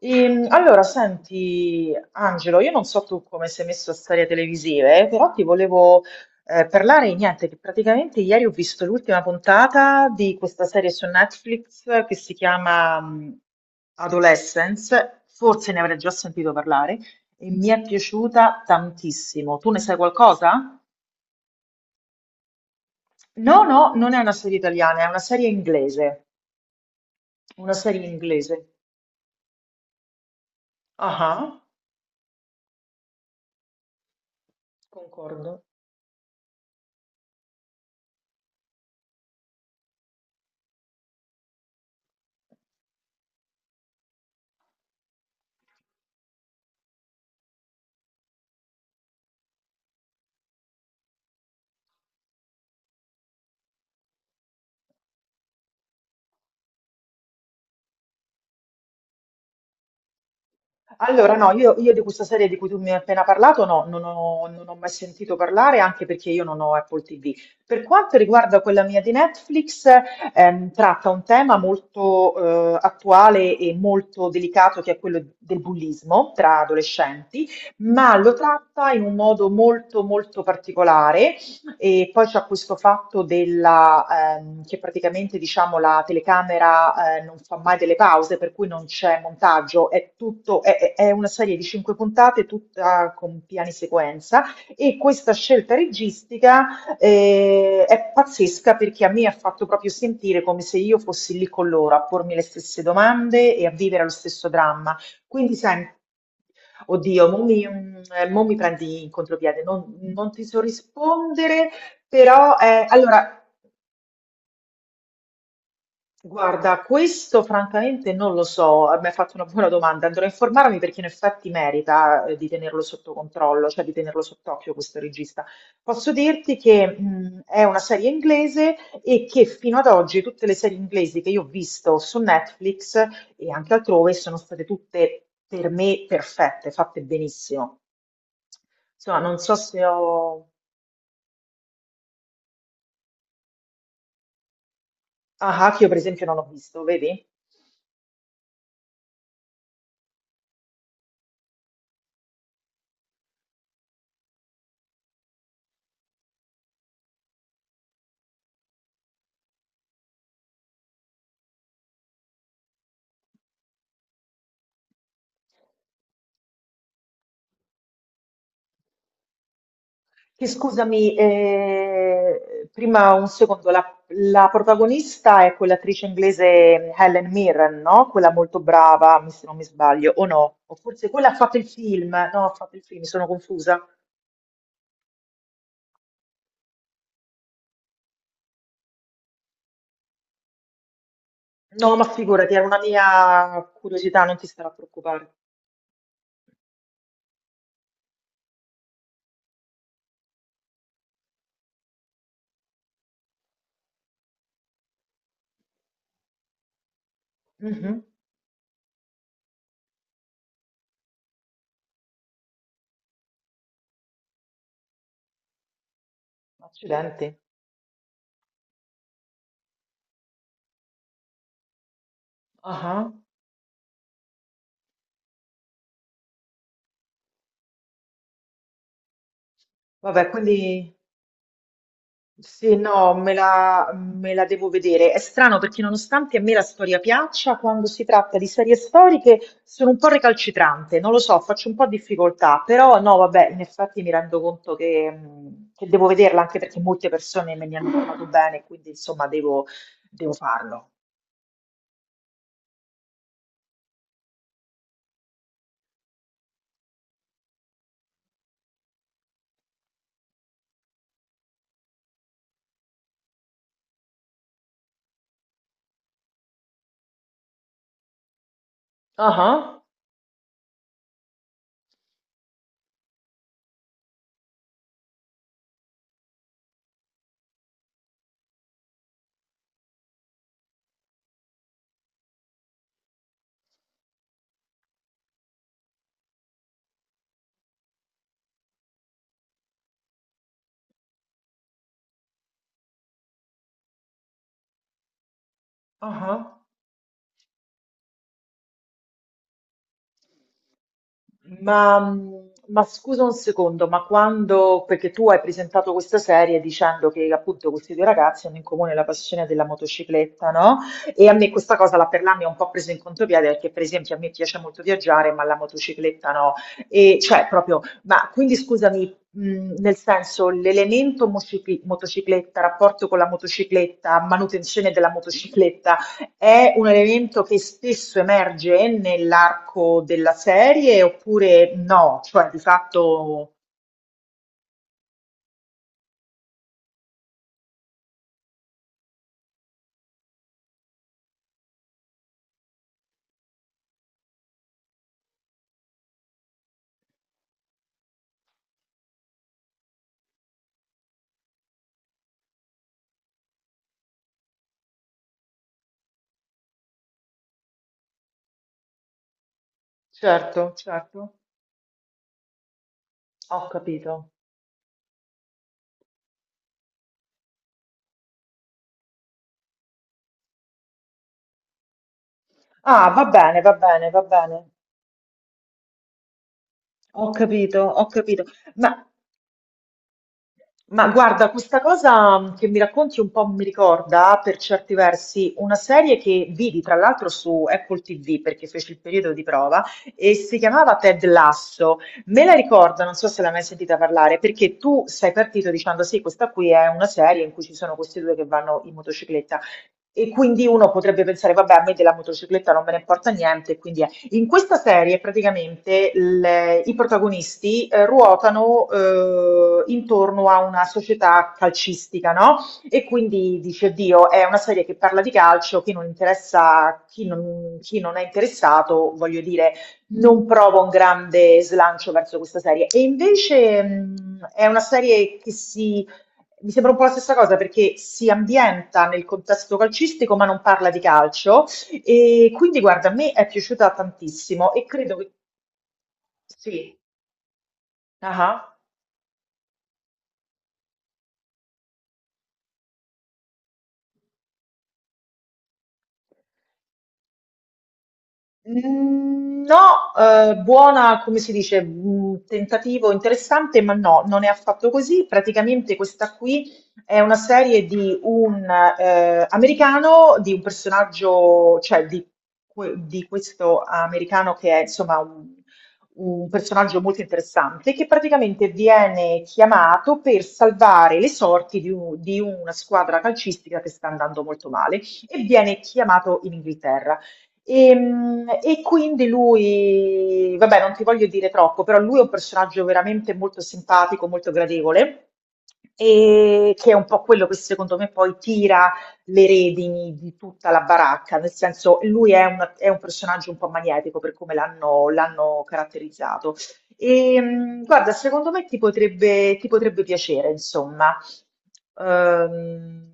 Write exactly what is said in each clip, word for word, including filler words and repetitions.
Ehm, allora, senti, Angelo, io non so tu come sei messo a storie televisive, eh, però ti volevo eh, parlare di niente, che praticamente ieri ho visto l'ultima puntata di questa serie su Netflix che si chiama mm, Adolescence, forse ne avrai già sentito parlare, e mi è piaciuta tantissimo. Tu ne sai qualcosa? No, no, non è una serie italiana, è una serie inglese, una serie inglese. Ah, ah, concordo. Allora, no, io, io di questa serie di cui tu mi hai appena parlato, no, non ho, non ho mai sentito parlare, anche perché io non ho Apple ti vu. Per quanto riguarda quella mia di Netflix, ehm, tratta un tema molto eh, attuale e molto delicato, che è quello del bullismo tra adolescenti, ma lo tratta in un modo molto, molto particolare, e poi c'è questo fatto della, ehm, che praticamente diciamo, la telecamera eh, non fa mai delle pause, per cui non c'è montaggio, è, tutto, è, è- è una serie di cinque puntate, tutta con piani sequenza. E questa scelta registica eh, è pazzesca perché a me ha fatto proprio sentire come se io fossi lì con loro a pormi le stesse domande e a vivere lo stesso dramma. Quindi, sai. Oddio, mo mi, mm, eh, Mo mi prendi in contropiede, non, non ti so rispondere, però eh, allora, guarda, questo francamente non lo so, eh, mi hai fatto una buona domanda, andrò a informarmi perché in effetti merita eh, di tenerlo sotto controllo, cioè di tenerlo sott'occhio questo regista. Posso dirti che mm, è una serie inglese e che fino ad oggi tutte le serie inglesi che io ho visto su Netflix e anche altrove sono state tutte per me perfette, fatte benissimo. Insomma, non so se ho... Ah, Haki io per esempio non ho visto, vedi? Che scusami, eh, prima un secondo, la, la protagonista è quell'attrice inglese Helen Mirren, no? Quella molto brava, mi- se non mi sbaglio, o no? O forse quella ha fatto il film, no, ha fatto il film, mi sono confusa. No, ma figurati, era una mia curiosità, non ti starà a preoccupare. Mhm. Accidenti. Ah. Vabbè, quindi... Sì, no, me la, me la devo vedere. È strano perché nonostante a me la storia piaccia, quando si tratta di serie storiche sono un po' recalcitrante, non lo so, faccio un po' difficoltà, però no, vabbè, in effetti mi rendo conto che, mh, che devo vederla anche perché molte persone me ne hanno parlato bene, quindi insomma devo, devo farlo. Ah ah, ah ah. Ma, mh, ma scusa un secondo, ma quando, perché tu hai presentato questa serie dicendo che appunto questi due ragazzi hanno in comune la passione della motocicletta, no? E a me questa cosa, la Perla mi ha un po' preso in contropiede perché per esempio a me piace molto viaggiare, ma la motocicletta no. E cioè proprio, ma quindi scusami, mh, nel senso l'elemento mocicli- motocicletta, rapporto con la motocicletta, manutenzione della motocicletta, è un elemento che spesso emerge nell'arco della serie oppure no? Cioè, di fatto, certo, certo, ho capito. Ah, va bene, va bene, va bene. Ho capito, ho capito. Ma Ma guarda, questa cosa mm, che mi racconti un po' mi ricorda per certi versi una serie che vidi tra l'altro su Apple ti vu perché fece il periodo di prova e si chiamava Ted Lasso. Me la ricordo, non so se l'hai mai sentita parlare, perché tu sei partito dicendo sì, questa qui è una serie in cui ci sono questi due che vanno in motocicletta. E quindi uno potrebbe pensare, vabbè, a me della motocicletta non me ne importa niente, quindi in questa serie praticamente il- i protagonisti eh, ruotano eh, intorno a una società calcistica, no? E quindi dice, Dio, è una serie che parla di calcio, chi non interessa, chi non, chi non è interessato, voglio dire, non prova un grande slancio verso questa serie. E invece mh, è una serie che si... Mi sembra un po' la stessa cosa perché si ambienta nel contesto calcistico ma non parla di calcio, e quindi guarda, a me è piaciuta tantissimo e credo che sì, ah. Mm, No, eh, buona, come si dice, mm, tentativo interessante, ma no, non è affatto così. Praticamente questa qui è una serie di un eh, americano, di un personaggio, cioè di, que- di questo americano che è insomma un, un personaggio molto interessante, che praticamente viene chiamato per salvare le sorti di un- di una squadra calcistica che sta andando molto male e viene chiamato in Inghilterra. Ehm, e quindi lui, vabbè, non ti voglio dire troppo, però lui è un personaggio veramente molto simpatico, molto gradevole, e che è un po' quello che secondo me poi tira le redini di tutta la baracca, nel senso lui è un, è un personaggio un po' magnetico per come l'hanno l'hanno caratterizzato. E, mm, guarda, secondo me ti potrebbe, ti potrebbe piacere, insomma. Ehm,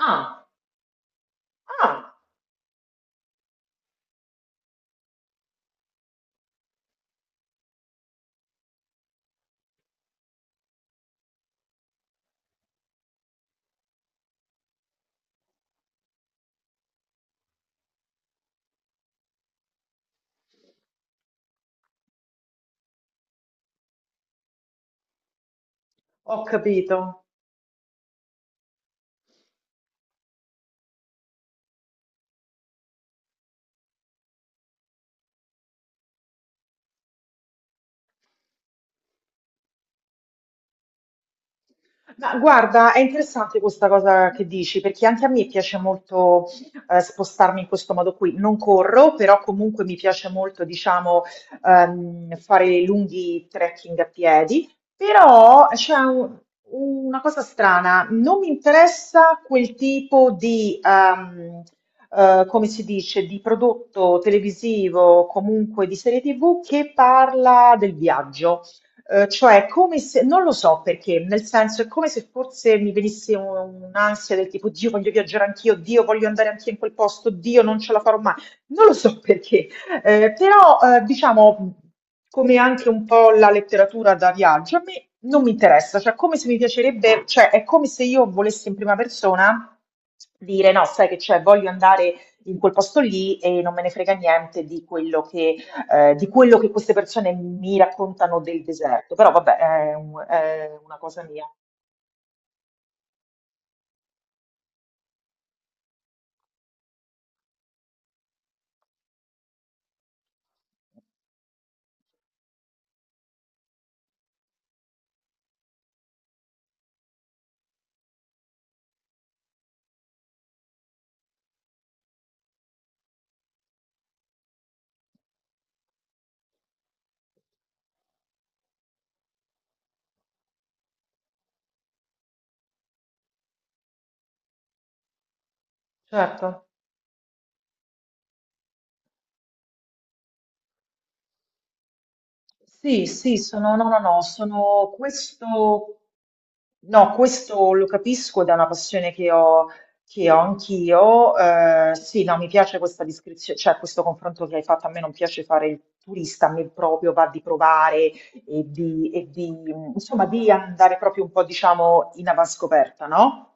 ah, ah, ho capito. Ma guarda, è interessante questa cosa che dici, perché anche a me piace molto eh, spostarmi in questo modo qui. Non corro, però comunque mi piace molto, diciamo, ehm, fare lunghi trekking a piedi. Però c'è un- una cosa strana, non mi interessa quel tipo di, ehm, eh, come si dice, di prodotto televisivo, comunque di serie ti vu che parla del viaggio. Ehm, cioè come se non lo so perché, nel senso è come se forse mi venisse un un'ansia del tipo: "Dio voglio viaggiare anch'io, Dio voglio andare anch'io in quel posto, Dio non ce la farò mai." Non lo so perché, ehm, però, ehm, diciamo, mhmm, come anche un po' la letteratura da viaggio, a me non mi interessa, cioè come se mi piacerebbe cioè è come se io volessi in prima persona dire: "No, sai che c'è, voglio andare in quel posto lì e non me ne frega niente di quello che eh, di quello che queste persone mi raccontano del deserto, però vabbè, è, un- è una cosa mia. Certo. Sì, sì, sono, no, no, no, sono questo, no, questo lo capisco ed è una passione che ho, che ho anch'io. Eh, sì, no, mi piace questa descrizione, cioè questo confronto che hai fatto, a me non piace fare il turista, a me proprio va di provare e di, e di, mh, insomma, di andare proprio un po', diciamo, in avanscoperta, no?